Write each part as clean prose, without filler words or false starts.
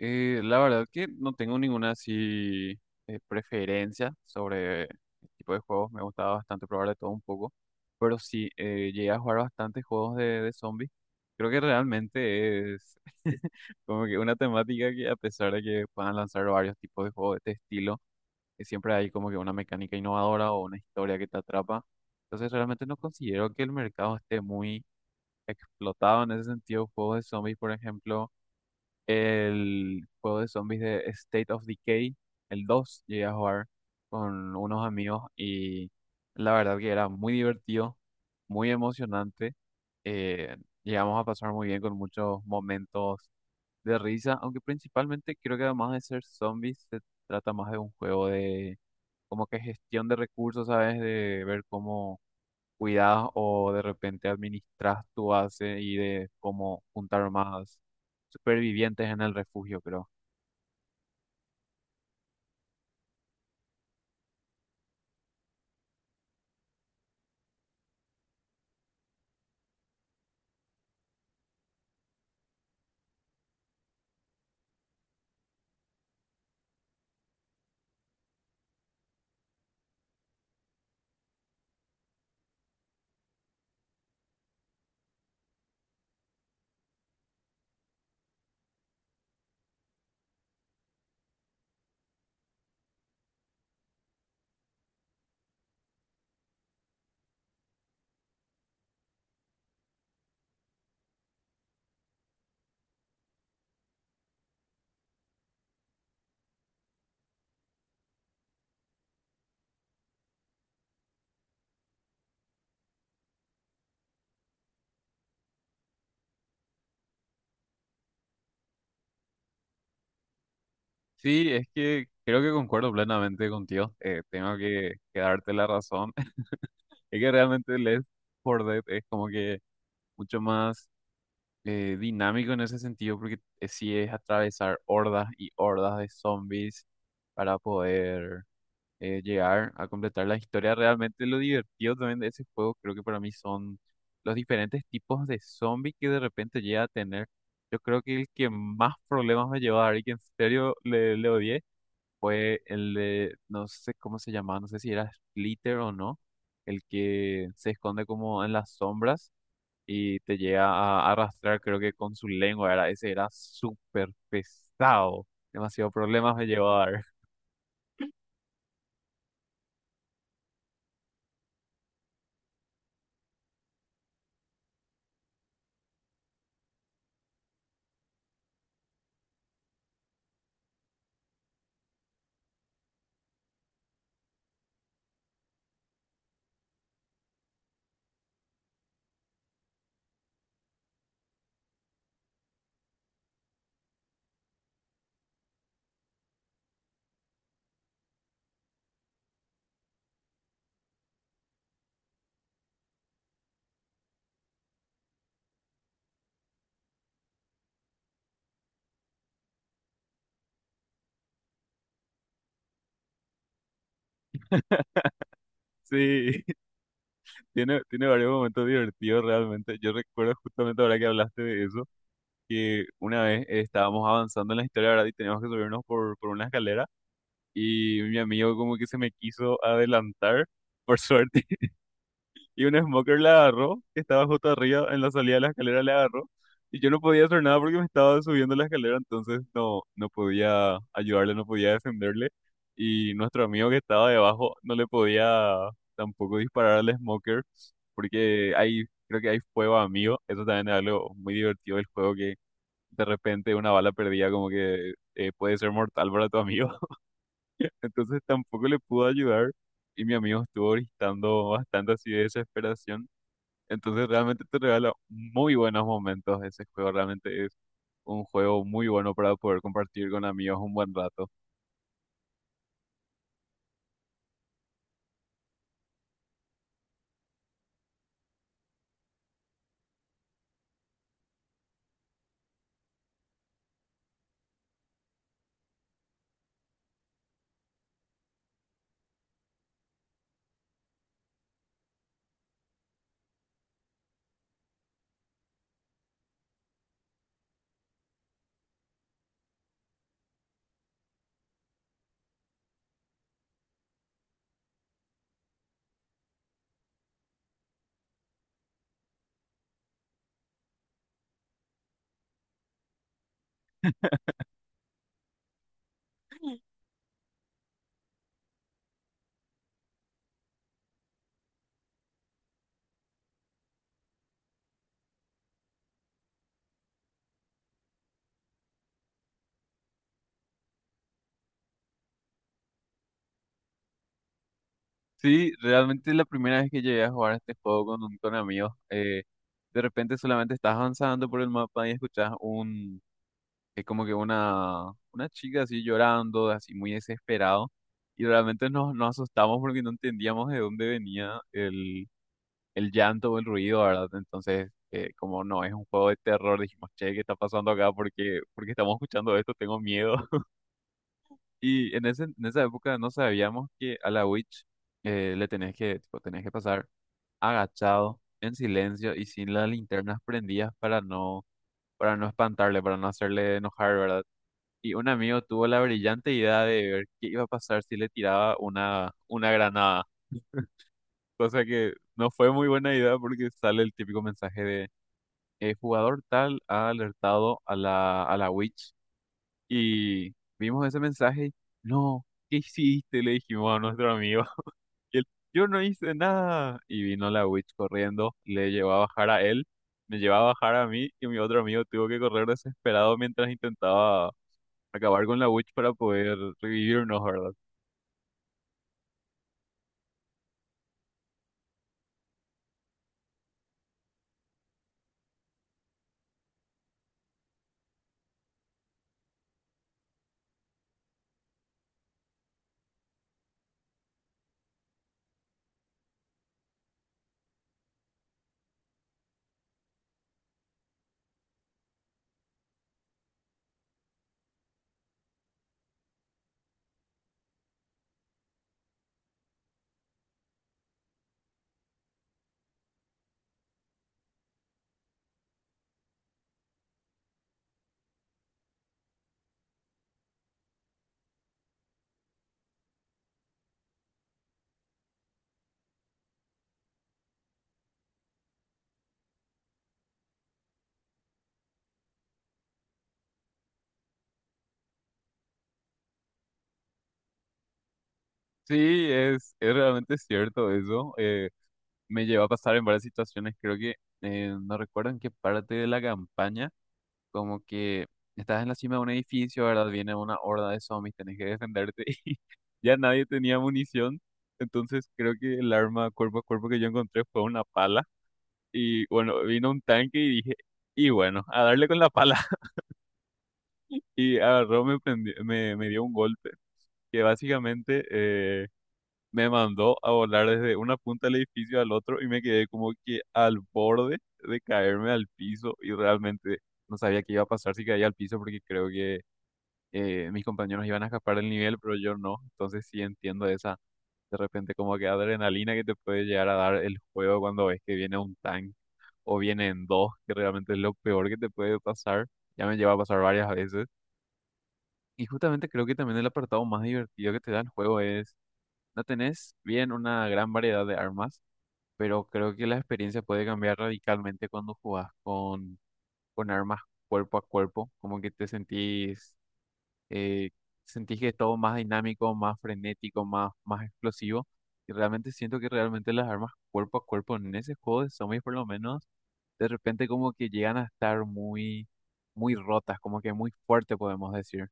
La verdad que no tengo ninguna así preferencia sobre el tipo de juegos. Me gustaba bastante probar de todo un poco. Pero sí, llegué a jugar bastantes juegos de zombies. Creo que realmente es como que una temática que, a pesar de que puedan lanzar varios tipos de juegos de este estilo, que siempre hay como que una mecánica innovadora o una historia que te atrapa. Entonces realmente no considero que el mercado esté muy explotado en ese sentido. Juegos de zombies, por ejemplo. El juego de zombies de State of Decay, el dos, llegué a jugar con unos amigos y la verdad que era muy divertido, muy emocionante. eh, Llegamos a pasar muy bien con muchos momentos de risa, aunque principalmente creo que, además de ser zombies, se trata más de un juego de como que gestión de recursos, ¿sabes? De ver cómo cuidas o de repente administras tu base y de cómo juntar más supervivientes en el refugio, creo. Sí, es que creo que concuerdo plenamente contigo. Tengo que darte la razón. Es que realmente Left 4 Dead es como que mucho más dinámico en ese sentido, porque sí, es atravesar hordas y hordas de zombies para poder. Llegar a completar la historia. Realmente lo divertido también de ese juego, creo que para mí son los diferentes tipos de zombie que de repente llega a tener. Yo creo que el que más problemas me llevó a dar y que en serio le odié fue el de, no sé cómo se llamaba, no sé si era Splitter o no, el que se esconde como en las sombras y te llega a arrastrar, creo que con su lengua, era, ese era súper pesado. Demasiado problemas me llevó a dar. Sí. Tiene varios momentos divertidos realmente. Yo recuerdo justamente ahora que hablaste de eso, que una vez estábamos avanzando en la historia, ¿verdad? Y teníamos que subirnos por una escalera, y mi amigo como que se me quiso adelantar, por suerte, y un smoker la agarró, que estaba justo arriba en la salida de la escalera, la agarró, y yo no podía hacer nada porque me estaba subiendo la escalera, entonces no podía ayudarle, no podía defenderle, y nuestro amigo que estaba debajo no le podía tampoco disparar al smoker, porque ahí creo que hay fuego amigo, eso también es algo muy divertido del juego, que de repente una bala perdida como que puede ser mortal para tu amigo, entonces tampoco le pudo ayudar. Y mi amigo estuvo gritando bastante, así de desesperación, entonces realmente te regala muy buenos momentos ese juego. Realmente es un juego muy bueno para poder compartir con amigos un buen rato. Sí, realmente la primera vez que llegué a jugar este juego con, un- con amigos, de repente solamente estás avanzando por el mapa y escuchas un, es como que una chica así llorando, así muy desesperado, y realmente nos asustamos porque no entendíamos de dónde venía el llanto o el ruido, ¿verdad? Entonces, como no es un juego de terror, dijimos, che, ¿qué está pasando acá? Porque estamos escuchando esto, tengo miedo. Y en ese, en esa época no sabíamos que a la Witch le tenés que, tipo, tenés que pasar agachado, en silencio y sin las linternas prendidas para no espantarle, para no hacerle enojar, ¿verdad? Y un amigo tuvo la brillante idea de ver qué iba a pasar si le tiraba una granada. Cosa que no fue muy buena idea, porque sale el típico mensaje de jugador tal ha alertado a la witch, y vimos ese mensaje. Y, no, ¿qué hiciste? Le dijimos a nuestro amigo. Y él, yo no hice nada. Y vino la witch corriendo, le llevó a bajar a él, me llevó a bajar a mí, y mi otro amigo tuvo que correr desesperado mientras intentaba acabar con la witch para poder revivirnos, ¿verdad? Sí, es realmente cierto eso. Me llevó a pasar en varias situaciones, creo que no recuerdo en qué parte de la campaña. Como que estás en la cima de un edificio, ¿verdad? Viene una horda de zombies, tenés que defenderte, y ya nadie tenía munición. Entonces creo que el arma cuerpo a cuerpo que yo encontré fue una pala. Y bueno, vino un tanque y dije, y bueno, a darle con la pala. Y agarró, me dio un golpe que básicamente me mandó a volar desde una punta del edificio al otro, y me quedé como que al borde de caerme al piso, y realmente no sabía qué iba a pasar si caía al piso, porque creo que mis compañeros iban a escapar del nivel, pero yo no. Entonces sí entiendo esa, de repente, como que adrenalina que te puede llegar a dar el juego cuando ves que viene un tank o vienen dos, que realmente es lo peor que te puede pasar. Ya me lleva a pasar varias veces. Y justamente creo que también el apartado más divertido que te da el juego es, no tenés bien una gran variedad de armas, pero creo que la experiencia puede cambiar radicalmente cuando jugás con armas cuerpo a cuerpo, como que te sentís, eh, sentís que es todo más dinámico, más frenético, más, más explosivo. Y realmente siento que realmente las armas cuerpo a cuerpo en ese juego de zombies, por lo menos, de repente como que llegan a estar muy, muy rotas, como que muy fuerte, podemos decir.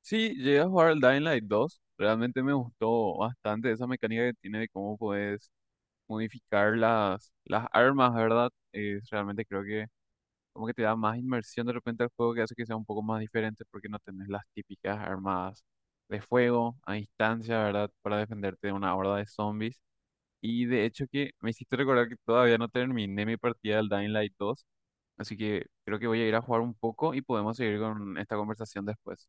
Sí, llegué a jugar al Dying Light 2, realmente me gustó bastante esa mecánica que tiene de cómo puedes modificar las armas, ¿verdad? Es realmente, creo que como que te da más inmersión de repente al juego, que hace que sea un poco más diferente, porque no tenés las típicas armadas de fuego a distancia, ¿verdad? Para defenderte de una horda de zombies. Y de hecho que me hiciste recordar que todavía no terminé mi partida del Dying Light 2, así que creo que voy a ir a jugar un poco y podemos seguir con esta conversación después.